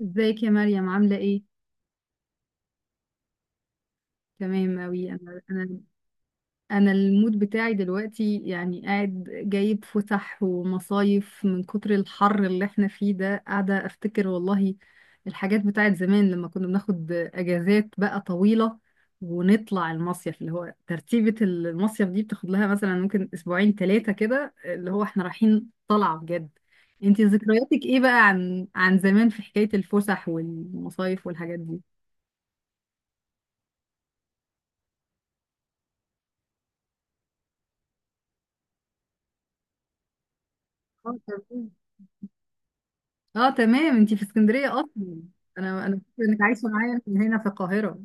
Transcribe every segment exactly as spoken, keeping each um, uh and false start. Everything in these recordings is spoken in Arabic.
ازيك يا مريم، عاملة ايه؟ تمام اوي، انا انا انا المود بتاعي دلوقتي، يعني قاعد جايب فسح ومصايف من كتر الحر اللي احنا فيه ده، قاعدة افتكر والله الحاجات بتاعت زمان لما كنا بناخد اجازات بقى طويلة ونطلع المصيف. اللي هو ترتيبة المصيف دي بتاخد لها مثلا ممكن اسبوعين ثلاثة كده، اللي هو احنا رايحين طلعة بجد. انتي ذكرياتك ايه بقى عن عن زمان في حكاية الفسح والمصايف والحاجات دي؟ اه، تمام. اه، تمام، انتي في اسكندرية اصلا. انا انا فاكرة انك عايشة معايا هنا في القاهرة.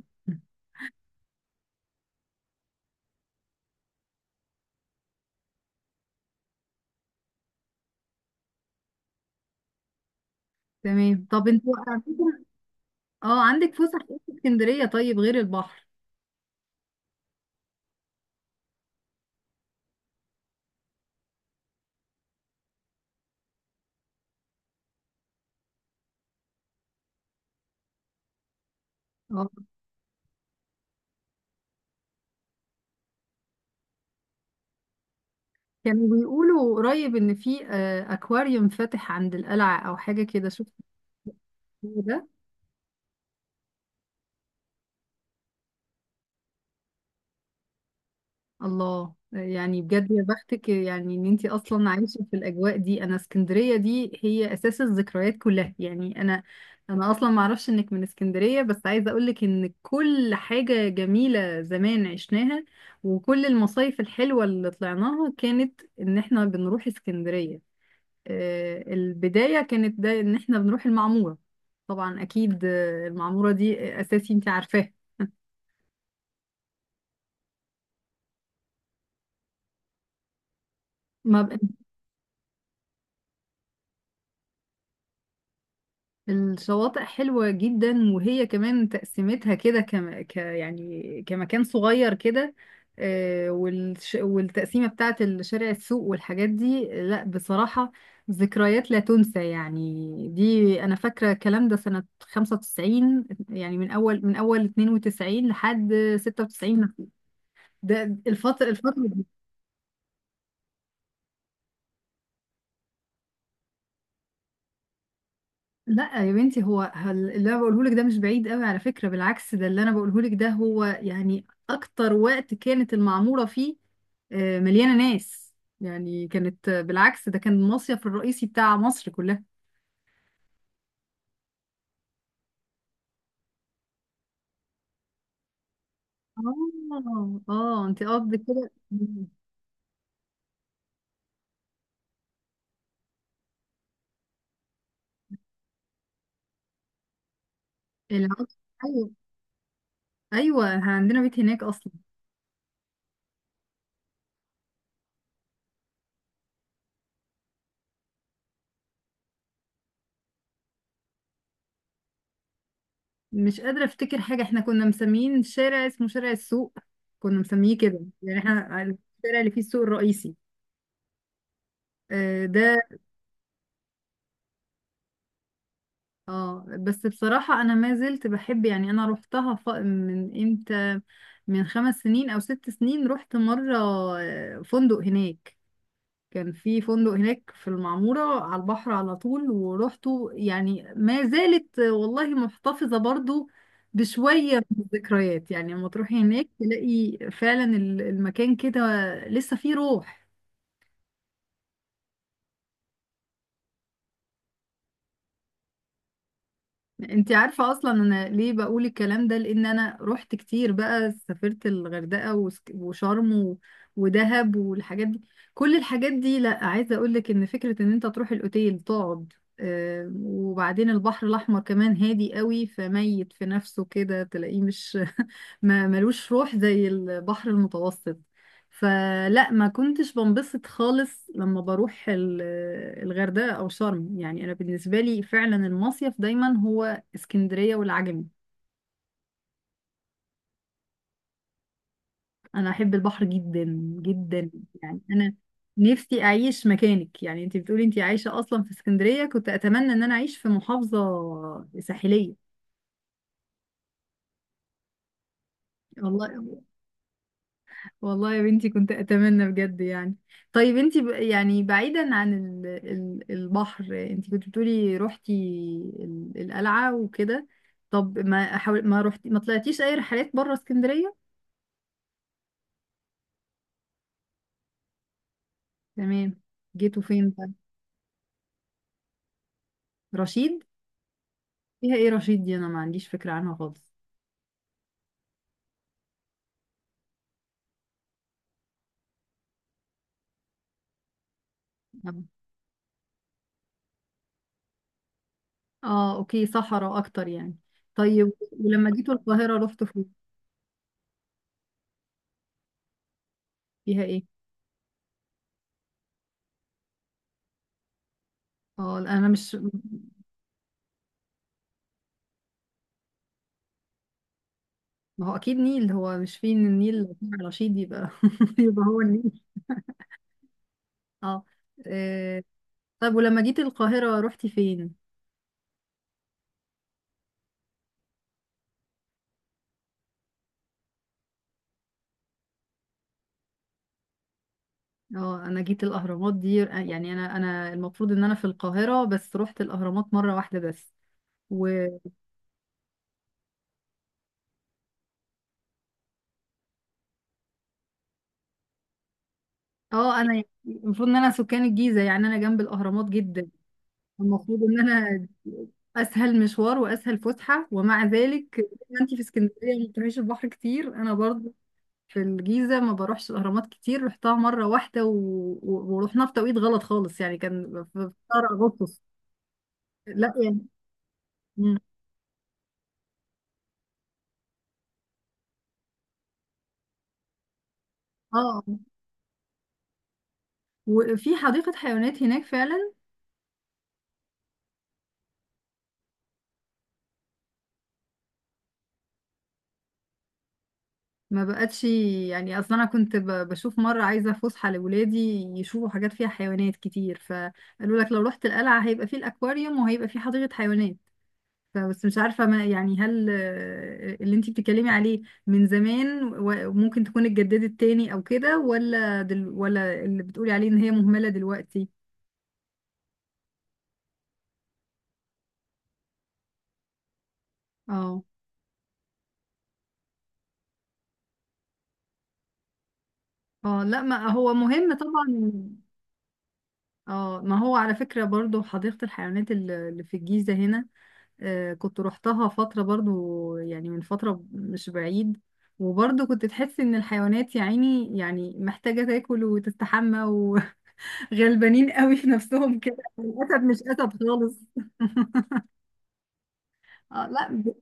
تمام، طب انتوا عندكم، اه، عندك فسح ايه في اسكندرية طيب غير البحر؟ اه، كانوا بيقولوا قريب ان في آه، اكواريوم فاتح عند القلعة او حاجة كده، شفت؟ ده الله، يعني بجد يا بختك يعني ان انتي اصلا عايشه في الاجواء دي. انا اسكندريه دي هي اساس الذكريات كلها يعني. انا انا اصلا ما اعرفش انك من اسكندريه، بس عايزه اقولك ان كل حاجه جميله زمان عشناها، وكل المصايف الحلوه اللي طلعناها كانت ان احنا بنروح اسكندريه. آه، البدايه كانت ده ان احنا بنروح المعموره. طبعا اكيد، آه، المعموره دي اساسي انتي عارفاها. ما الشواطئ حلوة جدا، وهي كمان تقسيمتها كده كم... ك... يعني كمكان صغير كده. آه، والش... والتقسيمة بتاعت الشارع السوق والحاجات دي، لا بصراحة ذكريات لا تنسى يعني. دي أنا فاكرة الكلام ده سنة خمسة وتسعين، يعني من أول من أول اتنين وتسعين لحد ستة وتسعين. ده الفترة الفترة. لا يا بنتي، هو هل اللي انا بقوله لك ده مش بعيد قوي على فكرة، بالعكس، ده اللي انا بقوله لك ده هو يعني اكتر وقت كانت المعمورة فيه آه، مليانة ناس. يعني كانت، آه، بالعكس، ده كان المصيف الرئيسي بتاع مصر كلها. اه، اه، انت قصدك كده العكس. ايوه. ايوه، عندنا بيت هناك اصلا. مش قادرة افتكر حاجة. احنا كنا مسميين شارع اسمه شارع السوق، كنا مسميه كده، يعني احنا الشارع اللي فيه السوق الرئيسي. آه، ده. اه، بس بصراحة أنا ما زلت بحب، يعني أنا روحتها ف... من إمتى، من خمس سنين أو ست سنين رحت مرة. آه، فندق هناك، كان في فندق هناك في المعمورة على البحر على طول، ورحته، يعني ما زالت، آه، والله محتفظة برضو بشوية من الذكريات. يعني لما تروحي هناك تلاقي فعلا ال- المكان كده لسه فيه روح. انت عارفة اصلا انا ليه بقول الكلام ده؟ لان انا رحت كتير بقى، سافرت الغردقة وسك- وشرم و- ودهب والحاجات دي. كل الحاجات دي، لا، عايزة اقولك ان فكرة ان انت تروح الاوتيل تقعد، آه، وبعدين البحر الاحمر كمان هادي قوي، فميت في نفسه كده، تلاقيه مش ما ملوش روح زي البحر المتوسط. فلا، ما كنتش بنبسط خالص لما بروح ال- الغردقة أو شرم. يعني أنا بالنسبة لي فعلا المصيف دايما هو اسكندرية والعجمي. انا احب البحر جدا جدا. يعني انا نفسي اعيش مكانك. يعني انت بتقولي انت عايشة اصلا في اسكندرية، كنت اتمنى ان انا اعيش في محافظة ساحلية. والله. والله يا بنتي كنت اتمنى بجد يعني. طيب انت ب... يعني بعيدا عن ال... ال... البحر، انت كنت بتقولي روحتي ال- القلعة وكده. طب، ما حاول... ما روحتي، ما طلعتيش اي رحلات بره اسكندرية؟ تمام. جيتوا فين بقى؟ رشيد. فيها ايه رشيد دي؟ انا ما عنديش فكرة عنها خالص. نعم. اه، اوكي، صحراء اكتر يعني. طيب ولما جيتوا القاهرة رحتوا فين؟ فيها ايه؟ اه، لا، انا مش. ما هو اكيد نيل. هو مش فيه ان النيل، لو فيه رشيد يبقى يبقى هو النيل. اه. آه. طيب ولما جيت القاهرة رحتي فين؟ اه، انا جيت الاهرامات دي، يعني انا انا المفروض ان انا في القاهرة، بس رحت الاهرامات مرة واحدة بس. و. اه، انا يعني- المفروض ان انا سكان الجيزة، يعني انا جنب الاهرامات جدا. المفروض ان انا اسهل مشوار واسهل فسحه، ومع ذلك زي ما انت في اسكندريه ما بتروحيش البحر كتير، انا برضو في الجيزه ما بروحش الاهرامات كتير، رحتها مره واحده و... و... ورحنا في توقيت غلط خالص، يعني كان في في شهر اغسطس. لا يعني. مم. اه. آه. وفي حديقه حيوانات هناك فعلا؟ ما بقتش يعني، اصلا انا كنت ب... بشوف مره عايزه فسحه لاولادي يشوفوا حاجات فيها حيوانات كتير، فقالوا لك لو رحت القلعه هيبقى فيه الاكواريوم وهيبقى فيه حديقه حيوانات. فبس مش عارفة، ما يعني هل، آه، اللي انتي بتتكلمي عليه من زمان و- وممكن تكون اتجددت تاني او كده، ولا دل ولا اللي بتقولي عليه ان هي مهملة دلوقتي؟ اه، اه، لا، ما هو مهم طبعا. اه، ما هو على فكرة برضو حديقة الحيوانات الل- اللي في الجيزة هنا، آه كنت روحتها فترة برضو، يعني من فترة مش بعيد. وبرضو كنت تحس ان الحيوانات يا عيني يعني محتاجة تاكل وتستحمى، غلبانين قوي في نفسهم كده. الاسد مش اسد خالص. اه، لا، ب-.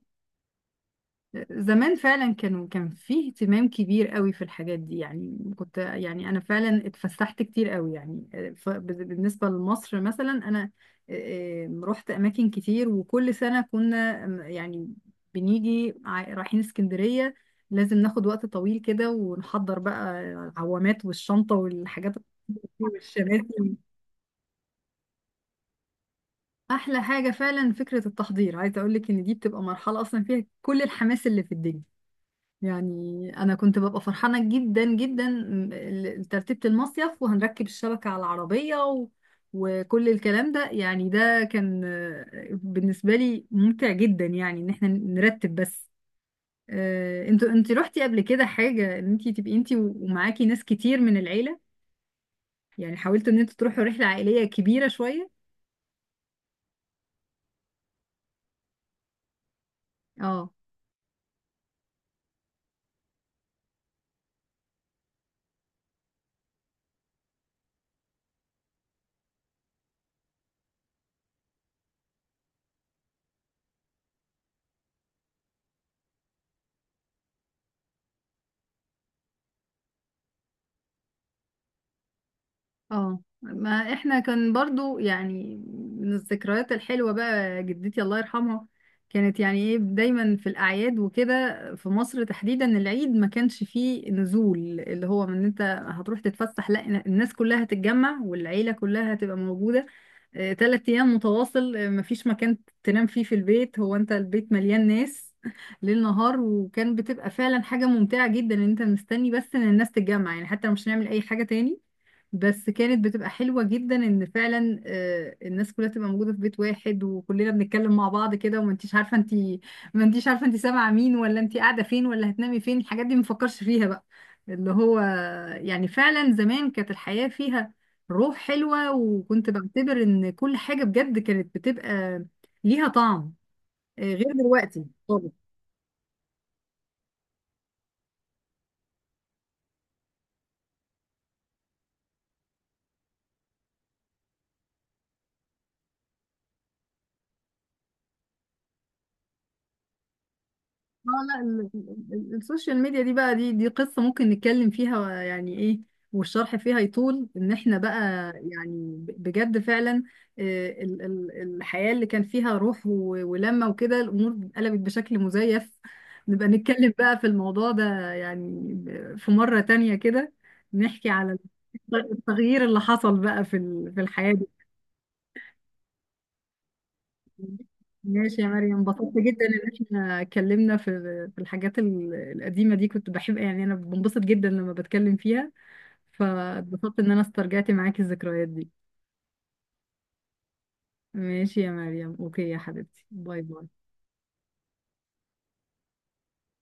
زمان فعلا كانوا كان فيه اهتمام كبير قوي في الحاجات دي، يعني كنت، يعني انا فعلا اتفسحت كتير قوي يعني، آه، ف- بز- بالنسبه لمصر مثلا، انا آه، آه، رحت اماكن كتير، وكل سنه كنا، آم، يعني بنيجي ع- رايحين اسكندريه، لازم ناخد وقت طويل كده ونحضر بقى العوامات والشنطه والحاجات الطويلة والشماسي. احلى حاجه فعلا فكره التحضير، عايزه اقول لك ان دي بتبقى مرحله اصلا فيها كل الحماس اللي في الدنيا. يعني انا كنت ببقى فرحانه جدا جدا م- ترتيبه المصيف، وهنركب الشبكه على العربيه و... وكل الكلام ده. يعني ده كان، آه، بالنسبه لي ممتع جدا يعني، ان احنا نرتب بس. آه، انتوا انت رحتي قبل كده حاجه، ان انت تبقي انت ومعاكي ناس كتير من العيله؟ يعني حاولتوا ان انتوا تروحوا رحله عائليه كبيره شويه؟ اه، اه، ما احنا كان برضو يعني من الذكريات الحلوة بقى، جدتي الله يرحمها كانت يعني ايه، دايما في الاعياد وكده، في مصر تحديدا العيد ما كانش فيه نزول اللي هو من انت هتروح تتفسح، لا، الناس كلها هتتجمع والعيلة كلها هتبقى موجودة، آه، تلات ايام متواصل. آه، مفيش مكان تنام فيه في البيت، هو انت البيت مليان ناس ليل نهار. وكان بتبقى فعلا حاجة ممتعة جدا ان انت مستني بس ان الناس تتجمع، يعني حتى لو مش هنعمل اي حاجة تاني، بس كانت بتبقى حلوة جدا ان فعلا، آه، الناس كلها تبقى موجودة في بيت واحد، وكلنا بنتكلم مع بعض كده، وما انتيش عارفة انتي ما انتيش عارفة انتي سامعة مين، ولا انتي قاعدة فين، ولا هتنامي فين. الحاجات دي مفكرش فيها بقى، اللي هو. يعني فعلا زمان كانت الحياة فيها روح حلوة، وكنت بعتبر ان كل حاجة بجد كانت بتبقى ليها طعم، آه، غير دلوقتي خالص. اه، لا، ال- ال- ال- السوشيال ميديا دي بقى، دي دي قصة ممكن نتكلم فيها، يعني ايه والشرح فيها يطول، ان احنا بقى، يعني ب- بجد فعلا، آه، ال- ال- الحياة اللي كان فيها روح و- ولمة وكده، الامور قلبت بشكل مزيف. نبقى نتكلم بقى في الموضوع ده، يعني ب- في مرة تانية كده، نحكي على التغيير اللي حصل بقى في ال- في الحياة. ماشي يا مريم، انبسطت جدا ان احنا اتكلمنا في في الحاجات ال- القديمة دي. كنت بحب، يعني انا بنبسط جدا لما بتكلم فيها، فاتبسطت ان انا استرجعت معاكي الذكريات دي. ماشي يا مريم، اوكي يا حبيبتي، باي باي.